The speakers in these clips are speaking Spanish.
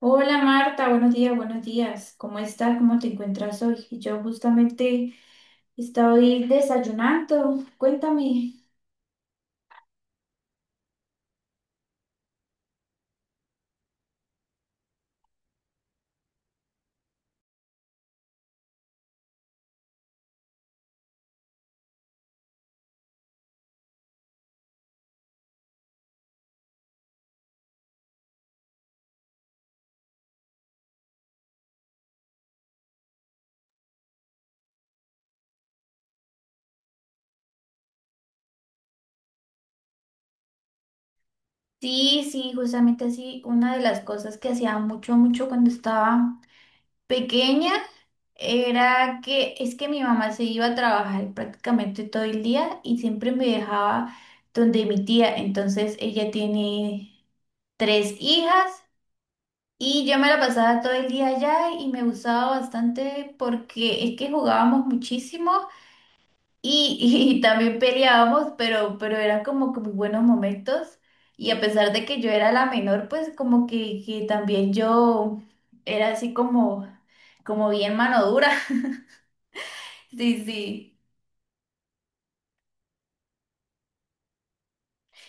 Hola Marta, buenos días, buenos días. ¿Cómo estás? ¿Cómo te encuentras hoy? Y yo justamente estoy desayunando. Cuéntame. Sí, sí, justamente así. Una de las cosas que hacía mucho, mucho cuando estaba pequeña era que es que mi mamá se iba a trabajar prácticamente todo el día y siempre me dejaba donde mi tía. Entonces ella tiene tres hijas. Y yo me la pasaba todo el día allá y me gustaba bastante porque es que jugábamos muchísimo y, y también peleábamos, pero eran como que muy buenos momentos. Y a pesar de que yo era la menor, pues como que también yo era así como bien mano dura. Sí, sí.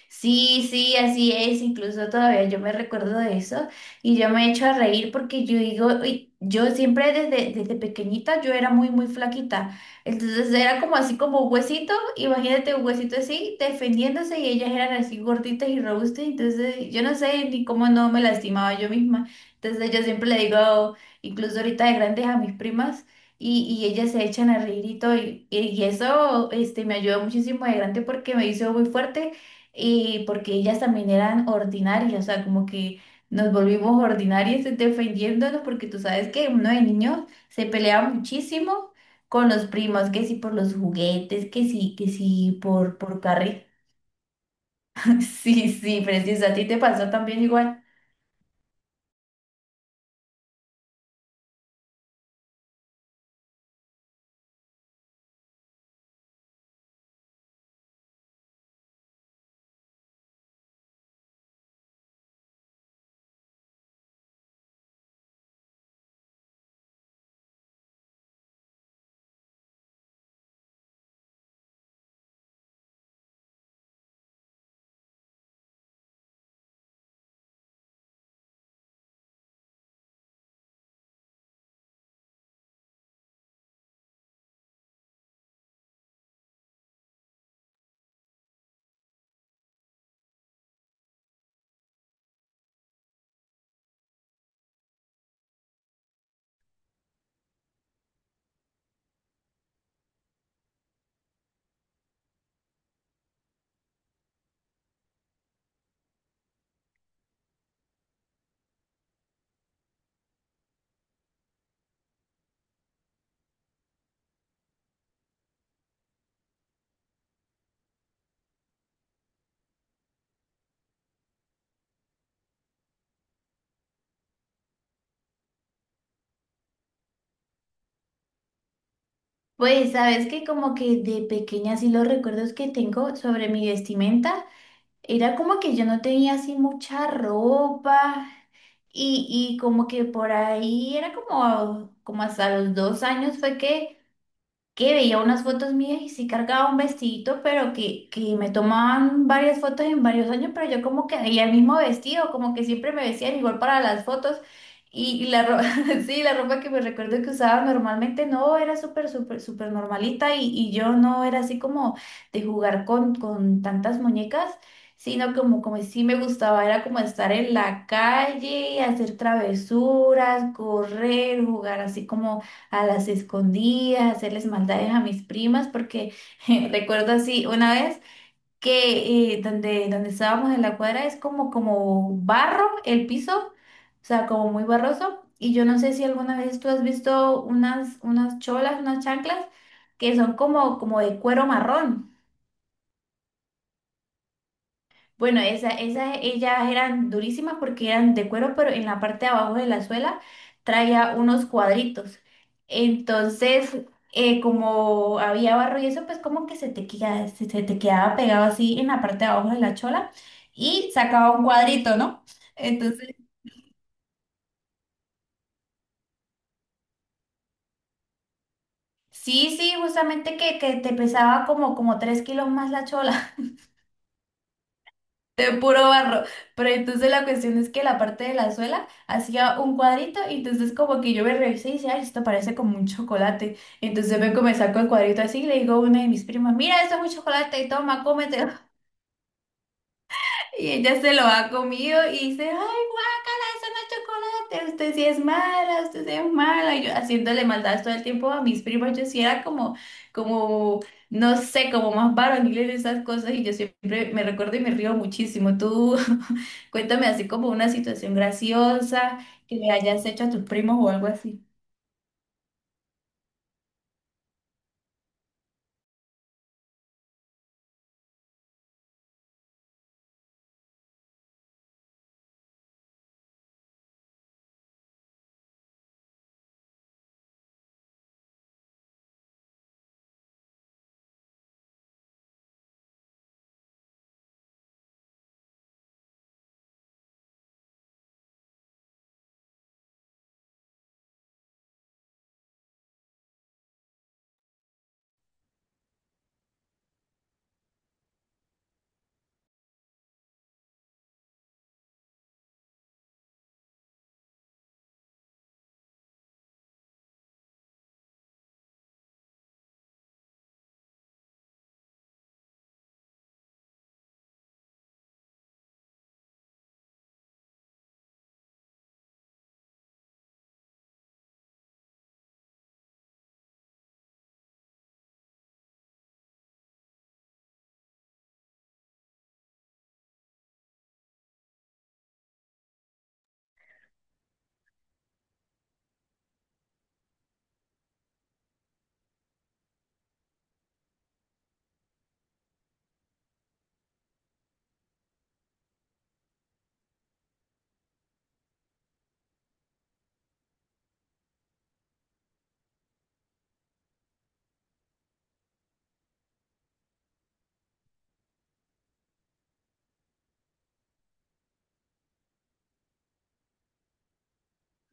Sí, sí, así es. Incluso todavía yo me recuerdo de eso y yo me echo a reír porque yo digo, "Uy, yo siempre desde pequeñita yo era muy, muy flaquita. Entonces era como así como un huesito, imagínate un huesito así defendiéndose y ellas eran así gorditas y robustas. Entonces yo no sé ni cómo no me lastimaba yo misma. Entonces yo siempre le digo, incluso ahorita de grandes a mis primas. Y ellas se echan a reír y todo, y eso me ayudó muchísimo de grande porque me hizo muy fuerte y porque ellas también eran ordinarias, o sea, como que nos volvimos ordinarias defendiéndonos, porque tú sabes que uno de niños se peleaba muchísimo con los primos, que sí por los juguetes, que sí por carril. Sí, sí, precioso, a ti te pasó también igual. Pues sabes que como que de pequeña sí los recuerdos que tengo sobre mi vestimenta era como que yo no tenía así mucha ropa y como que por ahí era como, como hasta los 2 años fue que veía unas fotos mías y sí cargaba un vestidito, pero que me tomaban varias fotos en varios años, pero yo como que veía el mismo vestido, como que siempre me vestían igual para las fotos. Y la ropa, sí, la ropa que me recuerdo que usaba normalmente no era súper, súper, súper normalita y yo no era así como de jugar con tantas muñecas, sino como, como sí me gustaba, era como estar en la calle, hacer travesuras, correr, jugar así como a las escondidas, hacerles maldades a mis primas, porque recuerdo así una vez que donde estábamos en la cuadra es como, como barro el piso, o sea, como muy barroso. Y yo no sé si alguna vez tú has visto unas cholas, unas chanclas que son como, como de cuero marrón. Bueno, esas ellas eran durísimas porque eran de cuero, pero en la parte de abajo de la suela traía unos cuadritos. Entonces, como había barro y eso, pues como que se te quedaba pegado así en la parte de abajo de la chola y sacaba un cuadrito, ¿no? Entonces, sí, sí, justamente que te pesaba como, como 3 kilos más la chola. De puro barro. Pero entonces la cuestión es que la parte de la suela hacía un cuadrito y entonces como que yo me revisé y dije, ay, esto parece como un chocolate. Entonces me comencé con el cuadrito así y le digo a una de mis primas, mira, esto es un chocolate, toma, cómetelo. Y ella se lo ha comido y dice, ay. Eso no es chocolate, usted sí es mala, usted sí es mala. Y yo haciéndole maldad todo el tiempo a mis primos, yo sí era como, no sé, como más varonil en esas cosas y yo siempre me recuerdo y me río muchísimo. Tú cuéntame así como una situación graciosa que le hayas hecho a tus primos o algo así.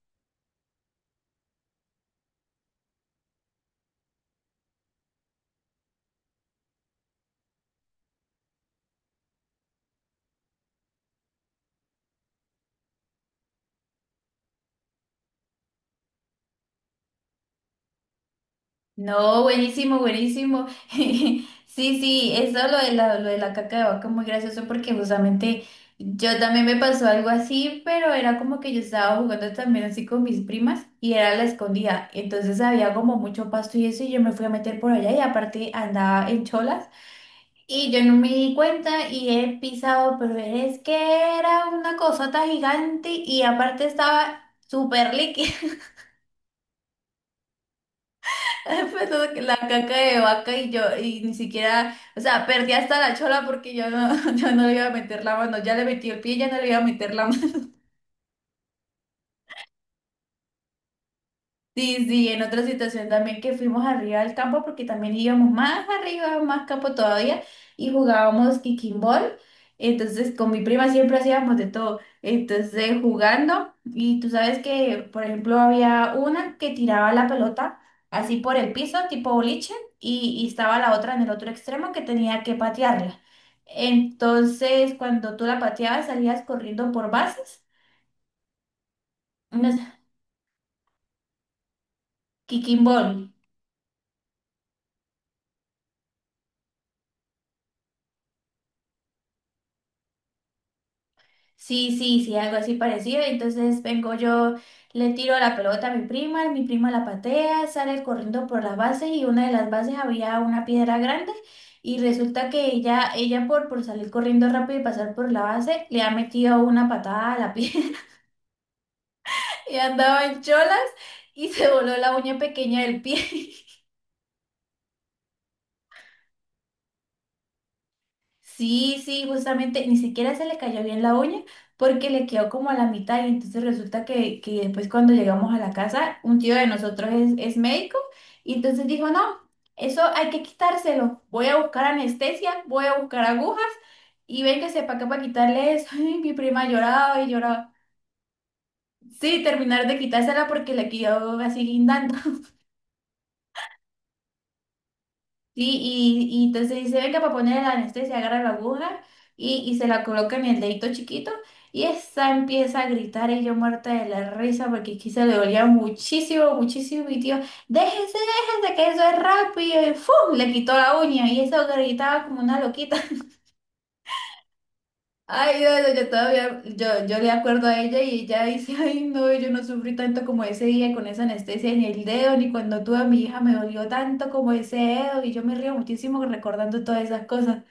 No, buenísimo, buenísimo. Sí, sí, eso lo de la caca de vaca es muy gracioso porque justamente yo también me pasó algo así, pero era como que yo estaba jugando también así con mis primas y era la escondida. Entonces había como mucho pasto y eso y yo me fui a meter por allá y aparte andaba en cholas y yo no me di cuenta y he pisado, pero es que era una cosota gigante y aparte estaba súper líquida. Pues, la caca de vaca y yo, y ni siquiera, o sea, perdí hasta la chola porque yo no, yo no le iba a meter la mano, ya le metí el pie, ya no le iba a meter la mano. Sí, sí, en otra situación también que fuimos arriba al campo, porque también íbamos más arriba, más campo todavía, y jugábamos kicking ball. Entonces, con mi prima siempre hacíamos de todo. Entonces, jugando, y tú sabes que, por ejemplo, había una que tiraba la pelota así por el piso, tipo boliche, y estaba la otra en el otro extremo que tenía que patearla. Entonces, cuando tú la pateabas, salías corriendo por bases. Unas kicking ball. Sí, sí, sí, algo así parecido. Entonces vengo yo, le tiro la pelota a mi prima la patea, sale corriendo por las bases y una de las bases había una piedra grande y resulta que ella por salir corriendo rápido y pasar por la base, le ha metido una patada a la piedra y andaba en cholas y se voló la uña pequeña del pie. Sí, sí, justamente ni siquiera se le cayó bien la uña porque le quedó como a la mitad y entonces resulta que después cuando llegamos a la casa, un tío de nosotros es médico y entonces dijo, no, eso hay que quitárselo, voy a buscar anestesia, voy a buscar agujas y véngase para acá para quitarle eso. Ay, mi prima lloraba y lloraba. Sí, terminar de quitársela porque le quedó así guindando. Sí, y entonces dice, venga, para poner la anestesia, agarra la aguja y se la coloca en el dedito chiquito y esa empieza a gritar y yo muerta de la risa porque aquí se le dolía muchísimo, muchísimo mi tío, déjese, déjese, que eso es rápido y ¡fum! Le quitó la uña y eso gritaba como una loquita. Ay, no, no, yo todavía, yo le acuerdo a ella y ella dice, ay, no, yo no sufrí tanto como ese día con esa anestesia en el dedo, ni cuando tuve a mi hija me dolió tanto como ese dedo, y yo me río muchísimo recordando todas esas cosas.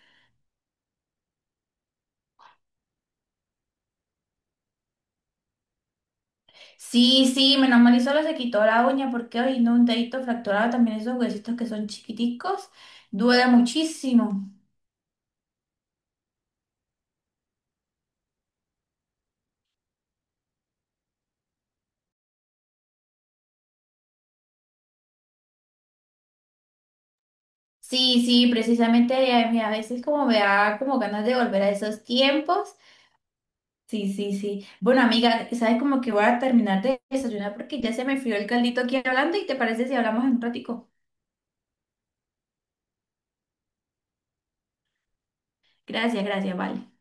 Sí, sí, menos mal y solo se quitó la uña, porque hoy no, un dedito fracturado, también esos huesitos que son chiquiticos, duele muchísimo. Sí, sí, precisamente a mí a veces como me da como ganas de volver a esos tiempos. Sí, sí, sí. Bueno, amiga, sabes como que voy a terminar de desayunar porque ya se me frió el caldito aquí hablando y te parece si hablamos en un ratico. Gracias, gracias, vale.